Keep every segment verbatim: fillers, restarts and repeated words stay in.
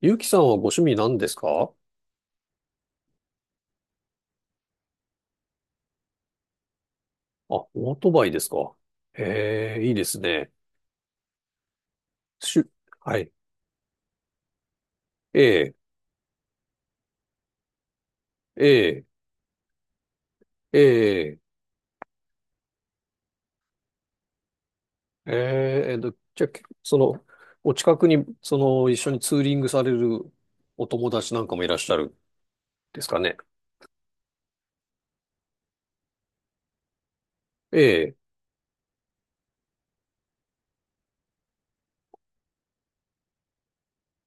ゆうきさんはご趣味何ですかあ？オートバイですか？へえ、いいですね。しゅ、はい。ええ。ええ。ええ。えええっと、じゃあ、その、お近くに、その、一緒にツーリングされるお友達なんかもいらっしゃるんですかね？ええ。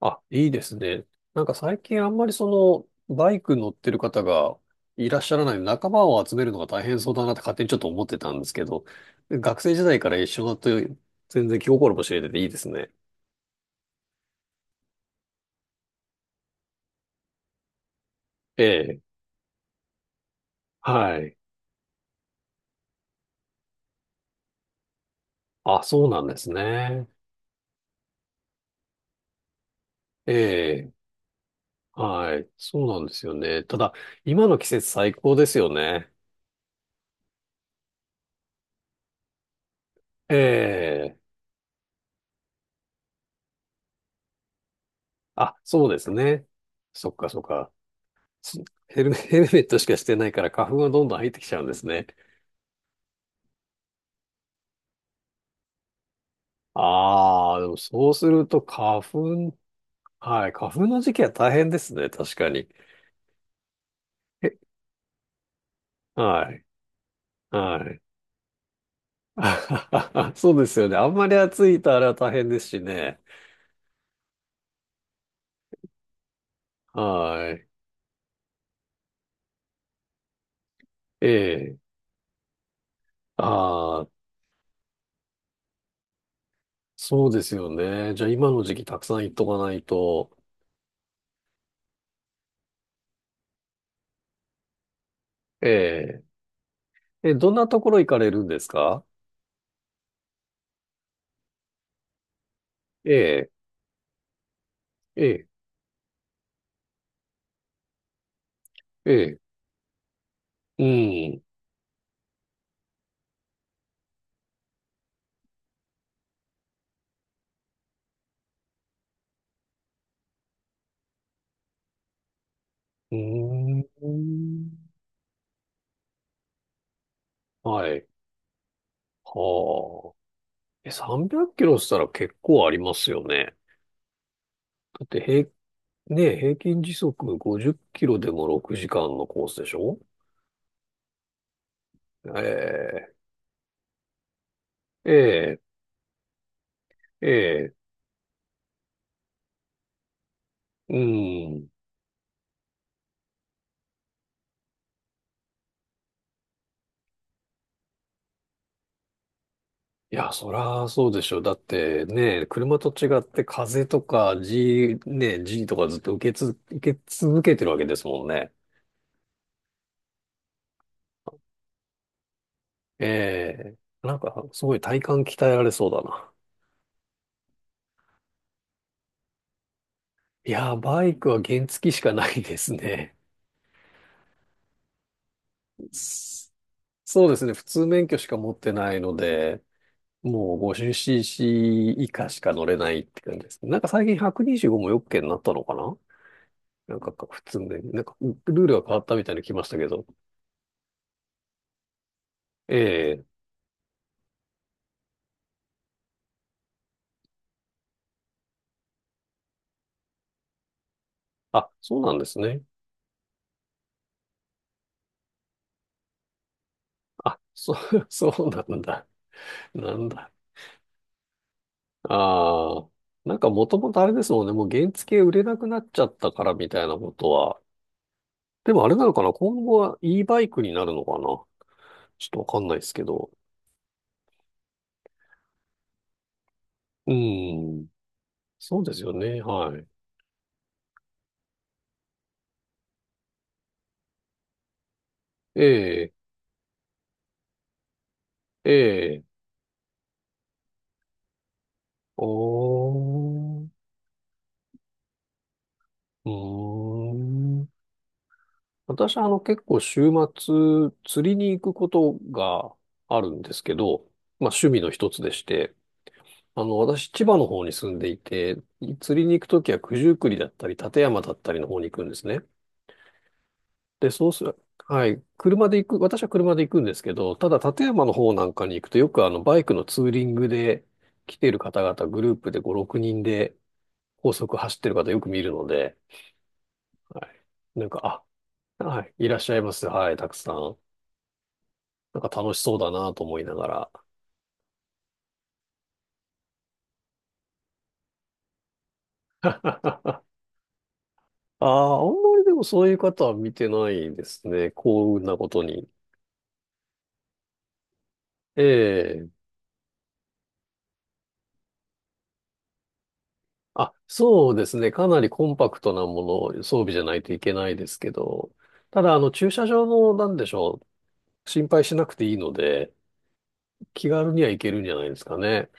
あ、いいですね。なんか最近あんまりその、バイク乗ってる方がいらっしゃらない、仲間を集めるのが大変そうだなって勝手にちょっと思ってたんですけど、学生時代から一緒だと全然気心も知れてていいですね。ええ、はい。あ、そうなんですね。ええ、はい。そうなんですよね。ただ、今の季節最高ですよね。ええ、あ、そうですね。そっかそっか。すヘルメ、ヘルメットしかしてないから花粉がどんどん入ってきちゃうんですね。ああ、でもそうすると花粉、はい、花粉の時期は大変ですね、確かに。え、はい、はい。そうですよね。あんまり暑いとあれは大変ですしね。はい。ええ。ああ、そうですよね。じゃあ今の時期たくさん行っとかないと。ええ。え、どんなところ行かれるんですか？ええ。ええ。ええ。うん。うーん。はい。はあ。え、さんびゃくキロしたら結構ありますよね。だって平、ね、平均時速ごじゅっキロでもろくじかんのコースでしょ？ええええええ。うん。いや、そらそうでしょ。だってね、車と違って風とか G、ね、G とかずっと受けつ、受け続けてるわけですもんね。ええ。なんか、すごい体幹鍛えられそうだな。いや、バイクは原付しかないですね。そうですね。普通免許しか持ってないので、もう ごじゅうシーシー 以下しか乗れないって感じですね。なんか最近ひゃくにじゅうごもよっけになったのかな。なんかか普通免許、なんかルールが変わったみたいに来ましたけど。ええ。あ、そうなんですね。あ、そう、そうなんだ。なんだ。ああ。なんかもともとあれですもんね。もう原付売れなくなっちゃったからみたいなことは。でもあれなのかな今後は e バイクになるのかな。ちょっとわかんないですけど。うん。そうですよね。はい。ええ。ええ。おー。うーん。私はあの結構週末釣りに行くことがあるんですけど、まあ趣味の一つでして、あの私千葉の方に住んでいて、釣りに行くときは九十九里だったり立山だったりの方に行くんですね。で、そうする、はい。車で行く、私は車で行くんですけど、ただ立山の方なんかに行くとよくあのバイクのツーリングで来ている方々グループでご、ろくにんで高速走ってる方よく見るので、はい。なんか、あ、はい、いらっしゃいます。はい、たくさん。なんか楽しそうだなと思いながら。ああ、あんまりでもそういう方は見てないですね。幸運なことに。ええ。あ、そうですね。かなりコンパクトなもの、装備じゃないといけないですけど。ただ、あの、駐車場の、なんでしょう。心配しなくていいので、気軽には行けるんじゃないですかね。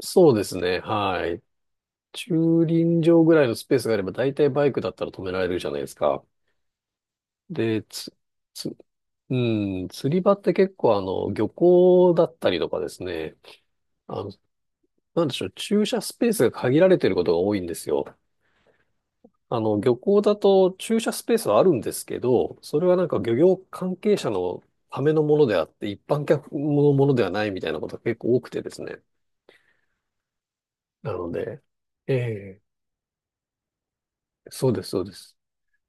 そうですね。はい。駐輪場ぐらいのスペースがあれば、大体バイクだったら止められるじゃないですか。で、つ、つ、うん、釣り場って結構あの、漁港だったりとかですね、あの、なんでしょう、駐車スペースが限られてることが多いんですよ。あの、漁港だと駐車スペースはあるんですけど、それはなんか漁業関係者のためのものであって、一般客のものではないみたいなことが結構多くてですね。なので、ええ、そうです、そうです。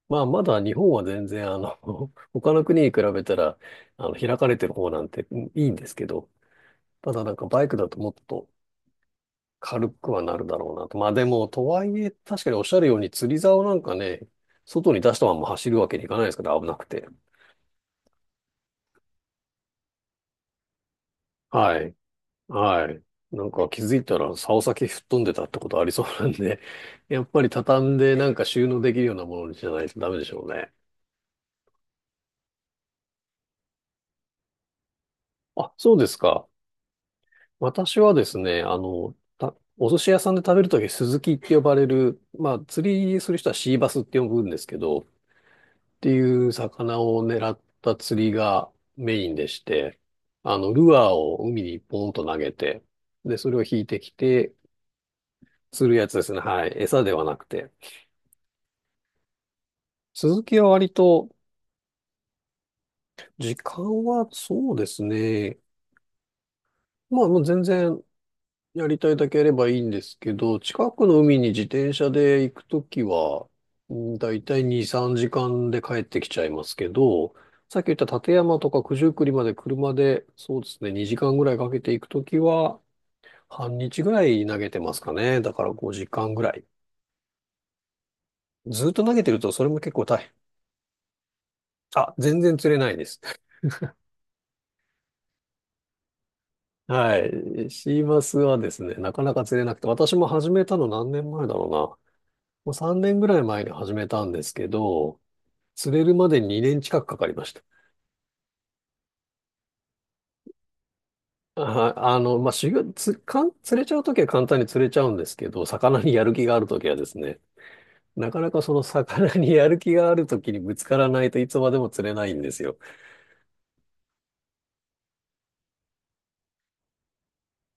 まあ、まだ日本は全然、あの、他の国に比べたら、あの、開かれてる方なんて、うん、いいんですけど、ただなんかバイクだともっと軽くはなるだろうなと。まあでも、とはいえ、確かにおっしゃるように釣り竿なんかね、外に出したまま走るわけにいかないですから、危なくて。はい。はい。なんか気づいたら竿先吹っ飛んでたってことありそうなんで、やっぱり畳んでなんか収納できるようなものにしないとダメでしょうね。あ、そうですか。私はですね、あの、た、お寿司屋さんで食べるとき、スズキって呼ばれる、まあ、釣りする人はシーバスって呼ぶんですけど、っていう魚を狙った釣りがメインでして、あの、ルアーを海にポンと投げて、で、それを引いてきて、釣るやつですね。はい。餌ではなくて。スズキは割と、時間はそうですね。まあ、もう全然やりたいだけやればいいんですけど、近くの海に自転車で行くときは、うん、だいたいに、さんじかんで帰ってきちゃいますけど、さっき言った立山とか九十九里まで車で、そうですね、にじかんぐらいかけて行くときは、半日ぐらい投げてますかね。だからごじかんぐらい。ずっと投げてるとそれも結構大変。あ、全然釣れないです。はい。シーマスはですね、なかなか釣れなくて、私も始めたの何年前だろうな。もうさんねんぐらい前に始めたんですけど、釣れるまでにねん近くかかりました。あ、あの、まあ、修行、つ、かん、釣れちゃうときは簡単に釣れちゃうんですけど、魚にやる気があるときはですね、なかなかその魚にやる気があるときにぶつからないといつまでも釣れないんですよ。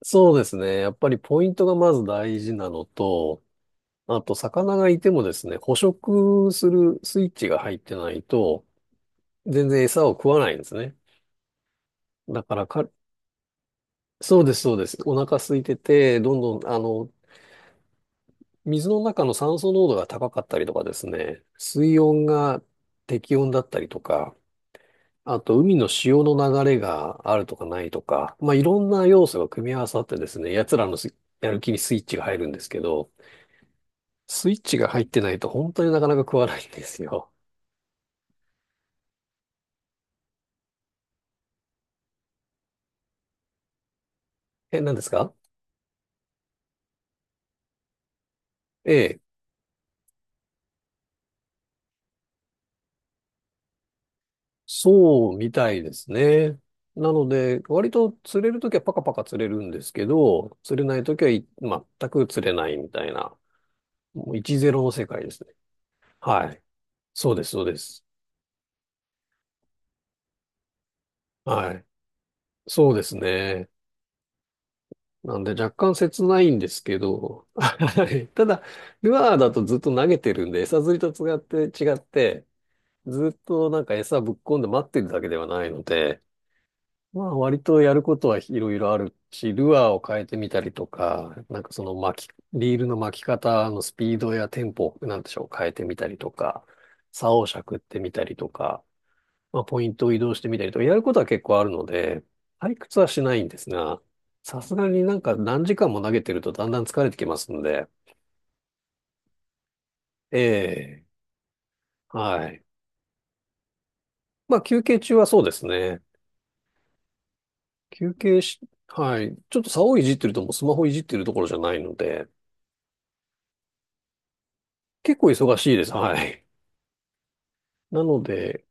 そうですね。やっぱりポイントがまず大事なのと、あと魚がいてもですね、捕食するスイッチが入ってないと、全然餌を食わないんですね。だからか、そうです、そうです。お腹空いてて、どんどん、あの、水の中の酸素濃度が高かったりとかですね、水温が適温だったりとか、あと海の潮の流れがあるとかないとか、まあ、いろんな要素が組み合わさってですね、奴らのすやる気にスイッチが入るんですけど、スイッチが入ってないと本当になかなか食わないんですよ。え、何ですか？ええ、そうみたいですね。なので、割と釣れるときはパカパカ釣れるんですけど、釣れないときはい全く釣れないみたいな、もういちたいゼロの世界ですね。はい。そうです、そうです。はい。そうですね。なんで若干切ないんですけど、はい。ただ、ルアーだとずっと投げてるんで、餌釣りと違って、違って、ずっとなんか餌ぶっ込んで待ってるだけではないので、まあ割とやることはいろいろあるし、ルアーを変えてみたりとか、なんかその巻き、リールの巻き方のスピードやテンポ、なんでしょう、変えてみたりとか、竿をしゃくってみたりとか、まあ、ポイントを移動してみたりとか、やることは結構あるので、退屈はしないんですが、さすがになんか何時間も投げてるとだんだん疲れてきますので、ええ、はい。まあ、休憩中はそうですね。休憩し、はい。ちょっと竿をいじってるともうスマホいじってるところじゃないので、結構忙しいです。はい。なので、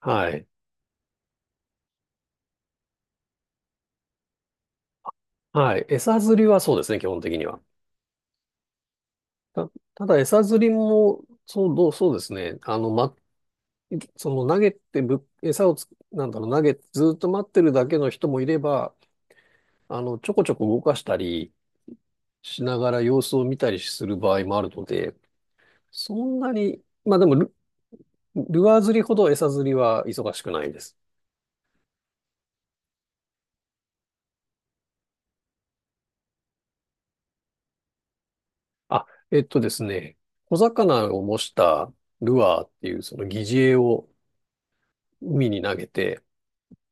はい。はい。餌釣りはそうですね、基本的には。た、ただ餌釣りも、そう、どう、そうですね。あの、その投げてぶ、餌をつ、なんだろう、投げてずっと待ってるだけの人もいれば、あの、ちょこちょこ動かしたりしながら様子を見たりする場合もあるので、そんなに、まあでもル、ルアー釣りほど餌釣りは忙しくないです。あ、えっとですね、小魚を模したルアーっていうその擬似餌を海に投げて、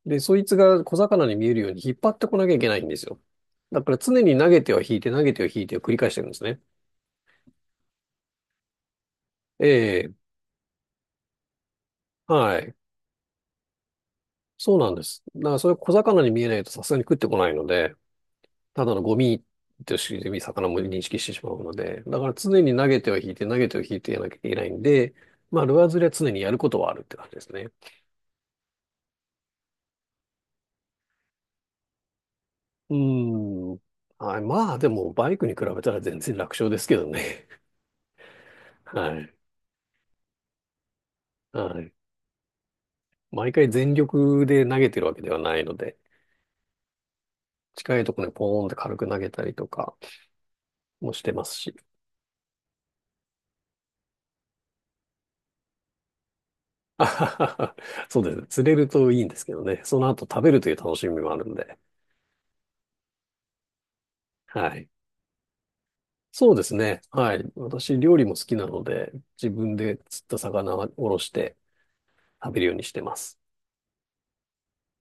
で、そいつが小魚に見えるように引っ張ってこなきゃいけないんですよ。だから常に投げては引いて、投げては引いてを繰り返してるんですね。ええ、はい。そうなんです。だからそれ小魚に見えないとさすがに食ってこないので、ただのゴミとして魚も認識してしまうので、だから常に投げては引いて投げては引いてやらなきゃいけないんで、まあルアー釣りは常にやることはあるって感じですね。うーん。はい。まあでもバイクに比べたら全然楽勝ですけどね。はい。はい。毎回全力で投げてるわけではないので、近いところにポーンって軽く投げたりとかもしてますし。あははは。そうですね。釣れるといいんですけどね。その後食べるという楽しみもあるんで。はい。そうですね。はい。私、料理も好きなので、自分で釣った魚をおろして食べるようにしてます。